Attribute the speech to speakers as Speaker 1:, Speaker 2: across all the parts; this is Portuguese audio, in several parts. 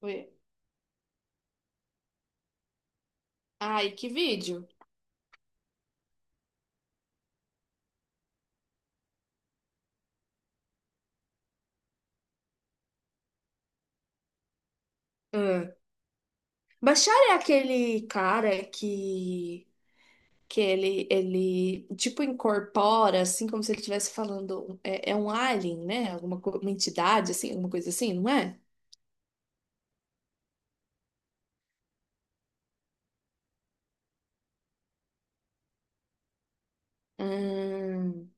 Speaker 1: Foi. Ai, que vídeo. Ah. Bashar é aquele cara que ele tipo incorpora assim como se ele estivesse falando é um alien, né? Uma entidade assim, alguma coisa assim, não é? Hum,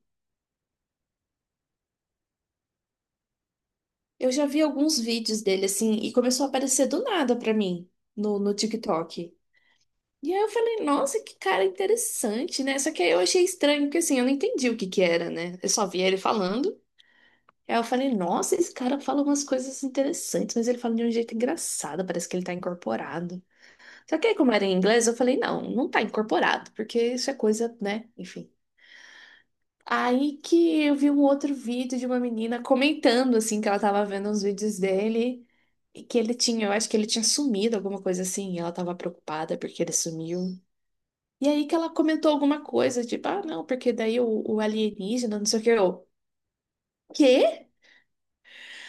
Speaker 1: eu já vi alguns vídeos dele assim e começou a aparecer do nada pra mim no TikTok. E aí eu falei, nossa, que cara interessante, né? Só que aí eu achei estranho, porque assim, eu não entendi o que que era, né? Eu só via ele falando. Aí eu falei, nossa, esse cara fala umas coisas interessantes, mas ele fala de um jeito engraçado, parece que ele tá incorporado. Só que aí, como era em inglês, eu falei, não, não tá incorporado, porque isso é coisa, né? Enfim. Aí que eu vi um outro vídeo de uma menina comentando, assim, que ela tava vendo uns vídeos dele e que ele tinha, eu acho que ele tinha sumido, alguma coisa assim, e ela tava preocupada porque ele sumiu. E aí que ela comentou alguma coisa, tipo, ah, não, porque daí o alienígena, não sei o que, eu, quê?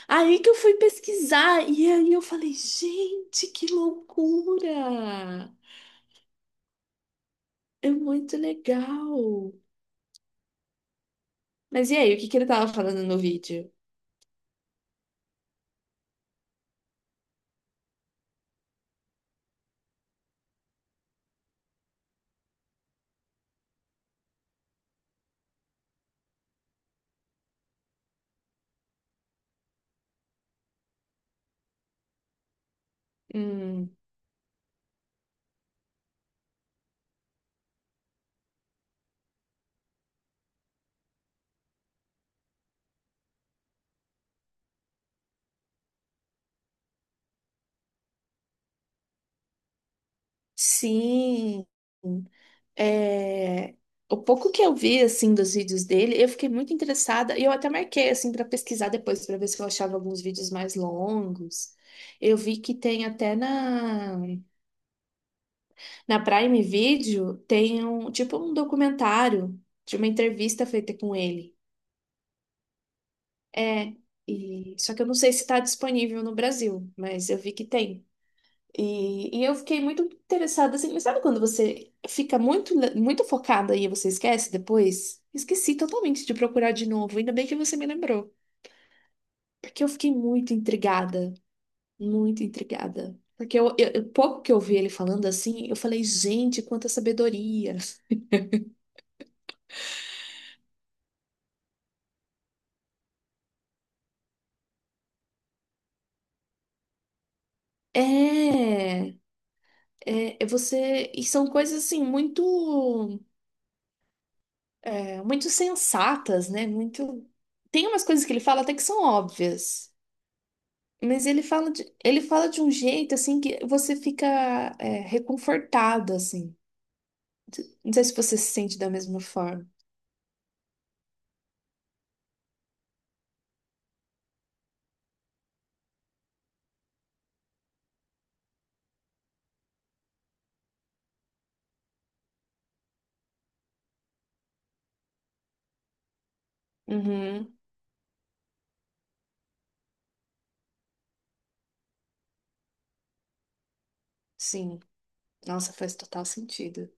Speaker 1: Aí que eu fui pesquisar e aí eu falei, gente, que loucura! É muito legal. Mas e aí, o que que ele tava falando no vídeo? Hum, sim. É, o pouco que eu vi assim dos vídeos dele, eu fiquei muito interessada e eu até marquei assim para pesquisar depois para ver se eu achava alguns vídeos mais longos. Eu vi que tem até na Prime Video tem um tipo um documentário de uma entrevista feita com ele. É, e só que eu não sei se está disponível no Brasil, mas eu vi que tem. E eu fiquei muito interessada assim, mas sabe quando você fica muito focada e você esquece depois? Esqueci totalmente de procurar de novo, ainda bem que você me lembrou, porque eu fiquei muito intrigada, muito intrigada. Porque pouco que eu vi ele falando assim, eu falei, gente, quanta sabedoria. É, é você. E são coisas assim, muito. É, muito sensatas, né? Muito. Tem umas coisas que ele fala até que são óbvias, mas ele fala de um jeito assim que você fica reconfortado, assim. Não sei se você se sente da mesma forma. Uhum, sim. Nossa, faz total sentido.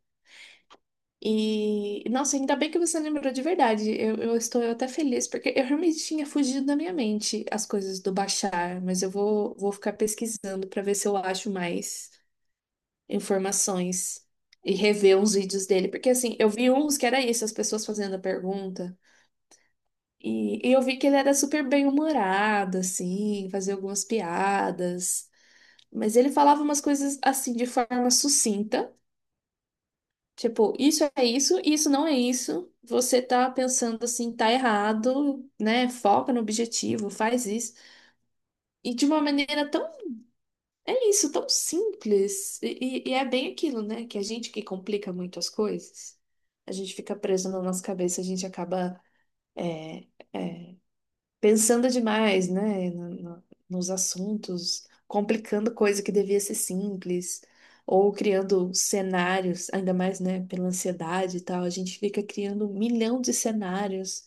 Speaker 1: E, nossa, ainda bem que você lembrou de verdade. Eu estou até feliz, porque eu realmente tinha fugido da minha mente as coisas do Bashar, mas eu vou ficar pesquisando para ver se eu acho mais informações e rever uns vídeos dele, porque assim, eu vi uns que era isso, as pessoas fazendo a pergunta, e eu vi que ele era super bem-humorado, assim, fazia algumas piadas, mas ele falava umas coisas assim de forma sucinta, tipo, isso é isso, isso não é isso. Você tá pensando assim, tá errado, né? Foca no objetivo, faz isso. E de uma maneira tão, é isso, tão simples. E, e é bem aquilo, né? Que a gente que complica muito as coisas, a gente fica preso na nossa cabeça, a gente acaba é, é, pensando demais, né? Nos assuntos, complicando coisa que devia ser simples, ou criando cenários, ainda mais, né? Pela ansiedade e tal, a gente fica criando um milhão de cenários,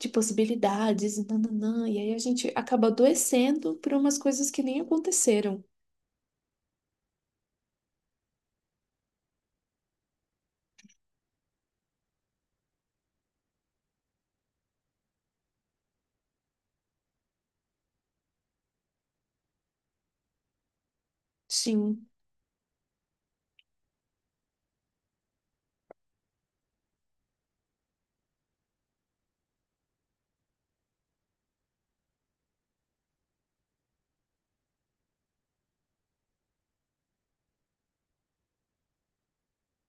Speaker 1: de possibilidades, e nananã, e aí a gente acaba adoecendo por umas coisas que nem aconteceram. Sim.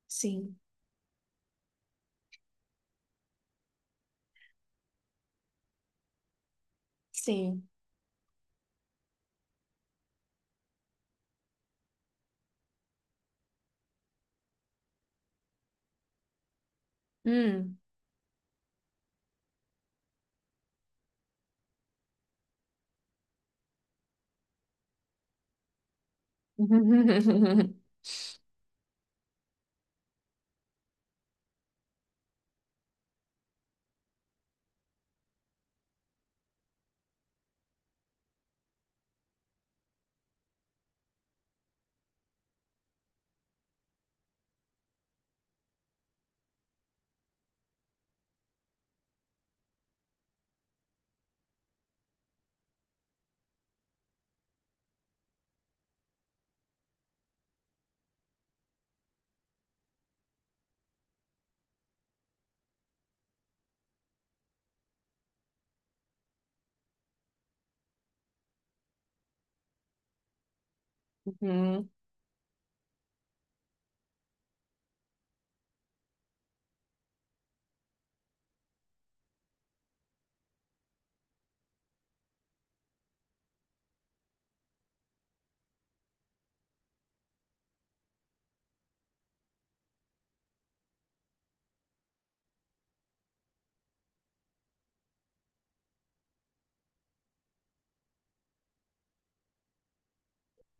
Speaker 1: Sim, sim. Hum.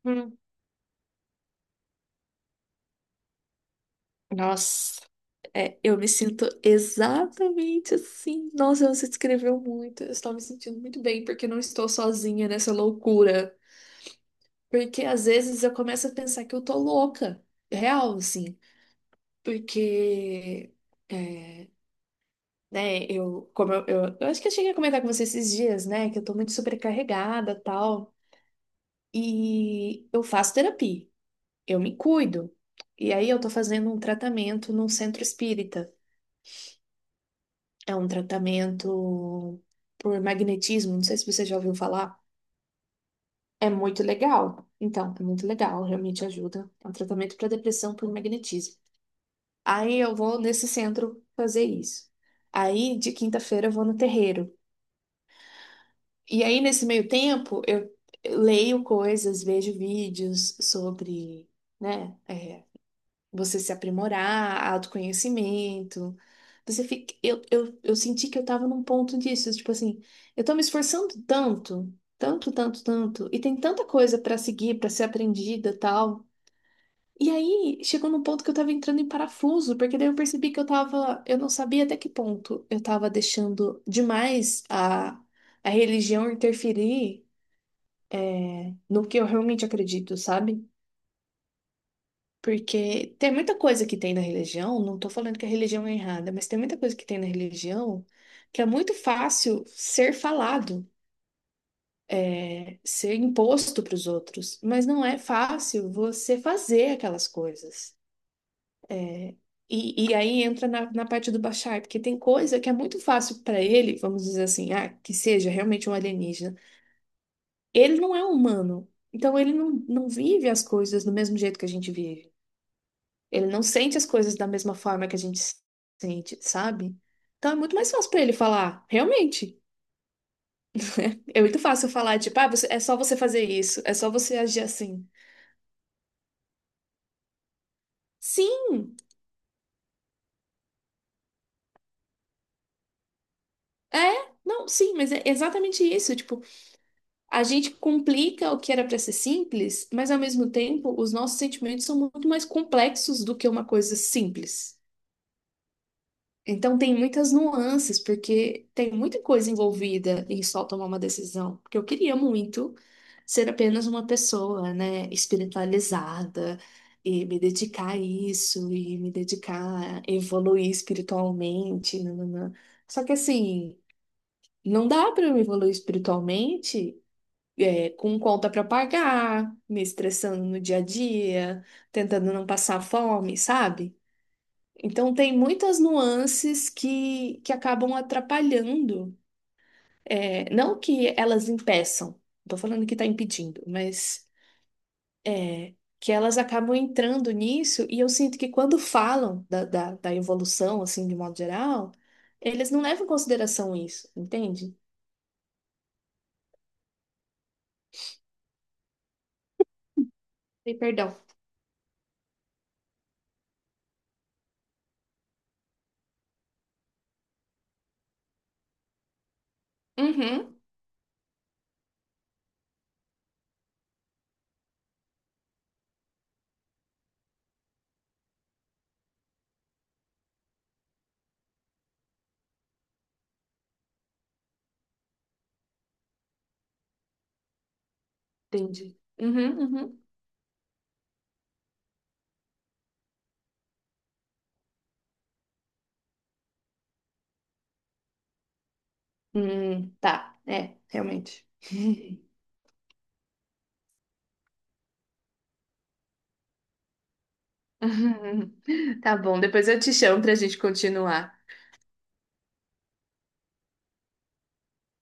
Speaker 1: Hum. Nossa, é, eu me sinto exatamente assim. Nossa, você descreveu muito. Eu estou me sentindo muito bem porque eu não estou sozinha nessa loucura. Porque às vezes eu começo a pensar que eu tô louca. Real, assim. Porque, é, né, eu acho que eu cheguei a comentar com você esses dias, né, que eu tô muito sobrecarregada tal. E eu faço terapia, eu me cuido. E aí eu tô fazendo um tratamento num centro espírita. É um tratamento por magnetismo, não sei se você já ouviu falar. É muito legal. Então, é muito legal, realmente ajuda. É um tratamento para depressão por magnetismo. Aí eu vou nesse centro fazer isso. Aí de quinta-feira eu vou no terreiro. E aí nesse meio tempo eu leio coisas, vejo vídeos sobre, né, você se aprimorar, autoconhecimento. Você fica, eu senti que eu tava num ponto disso, tipo assim, eu tô me esforçando tanto, e tem tanta coisa pra seguir, pra ser aprendida, tal. E aí chegou num ponto que eu tava entrando em parafuso, porque daí eu percebi que eu tava, eu não sabia até que ponto eu tava deixando demais a religião interferir no que eu realmente acredito, sabe? Porque tem muita coisa que tem na religião, não estou falando que a religião é errada, mas tem muita coisa que tem na religião que é muito fácil ser falado, ser imposto para os outros, mas não é fácil você fazer aquelas coisas. E aí entra na parte do Bashar, porque tem coisa que é muito fácil para ele, vamos dizer assim, ah, que seja realmente um alienígena. Ele não é humano, então ele não vive as coisas do mesmo jeito que a gente vive. Ele não sente as coisas da mesma forma que a gente sente, sabe? Então é muito mais fácil pra ele falar, realmente. É muito fácil falar, tipo, ah, você, é só você fazer isso, é só você agir assim. Sim, é, não, sim, mas é exatamente isso. Tipo, a gente complica o que era pra ser simples, mas ao mesmo tempo os nossos sentimentos são muito mais complexos do que uma coisa simples. Então tem muitas nuances, porque tem muita coisa envolvida em só tomar uma decisão. Porque eu queria muito ser apenas uma pessoa, né, espiritualizada e me dedicar a isso e me dedicar a evoluir espiritualmente, nananã. Só que assim, não dá para eu evoluir espiritualmente com conta para pagar, me estressando no dia a dia, tentando não passar fome, sabe? Então, tem muitas nuances que acabam atrapalhando. É, não que elas impeçam, estou falando que está impedindo, mas que elas acabam entrando nisso. E eu sinto que quando falam da evolução, assim, de modo geral, eles não levam em consideração isso, entende? E perdão. Uhum, entendi. Uhum, uhum. Tá, é, realmente. Tá bom, depois eu te chamo para a gente continuar.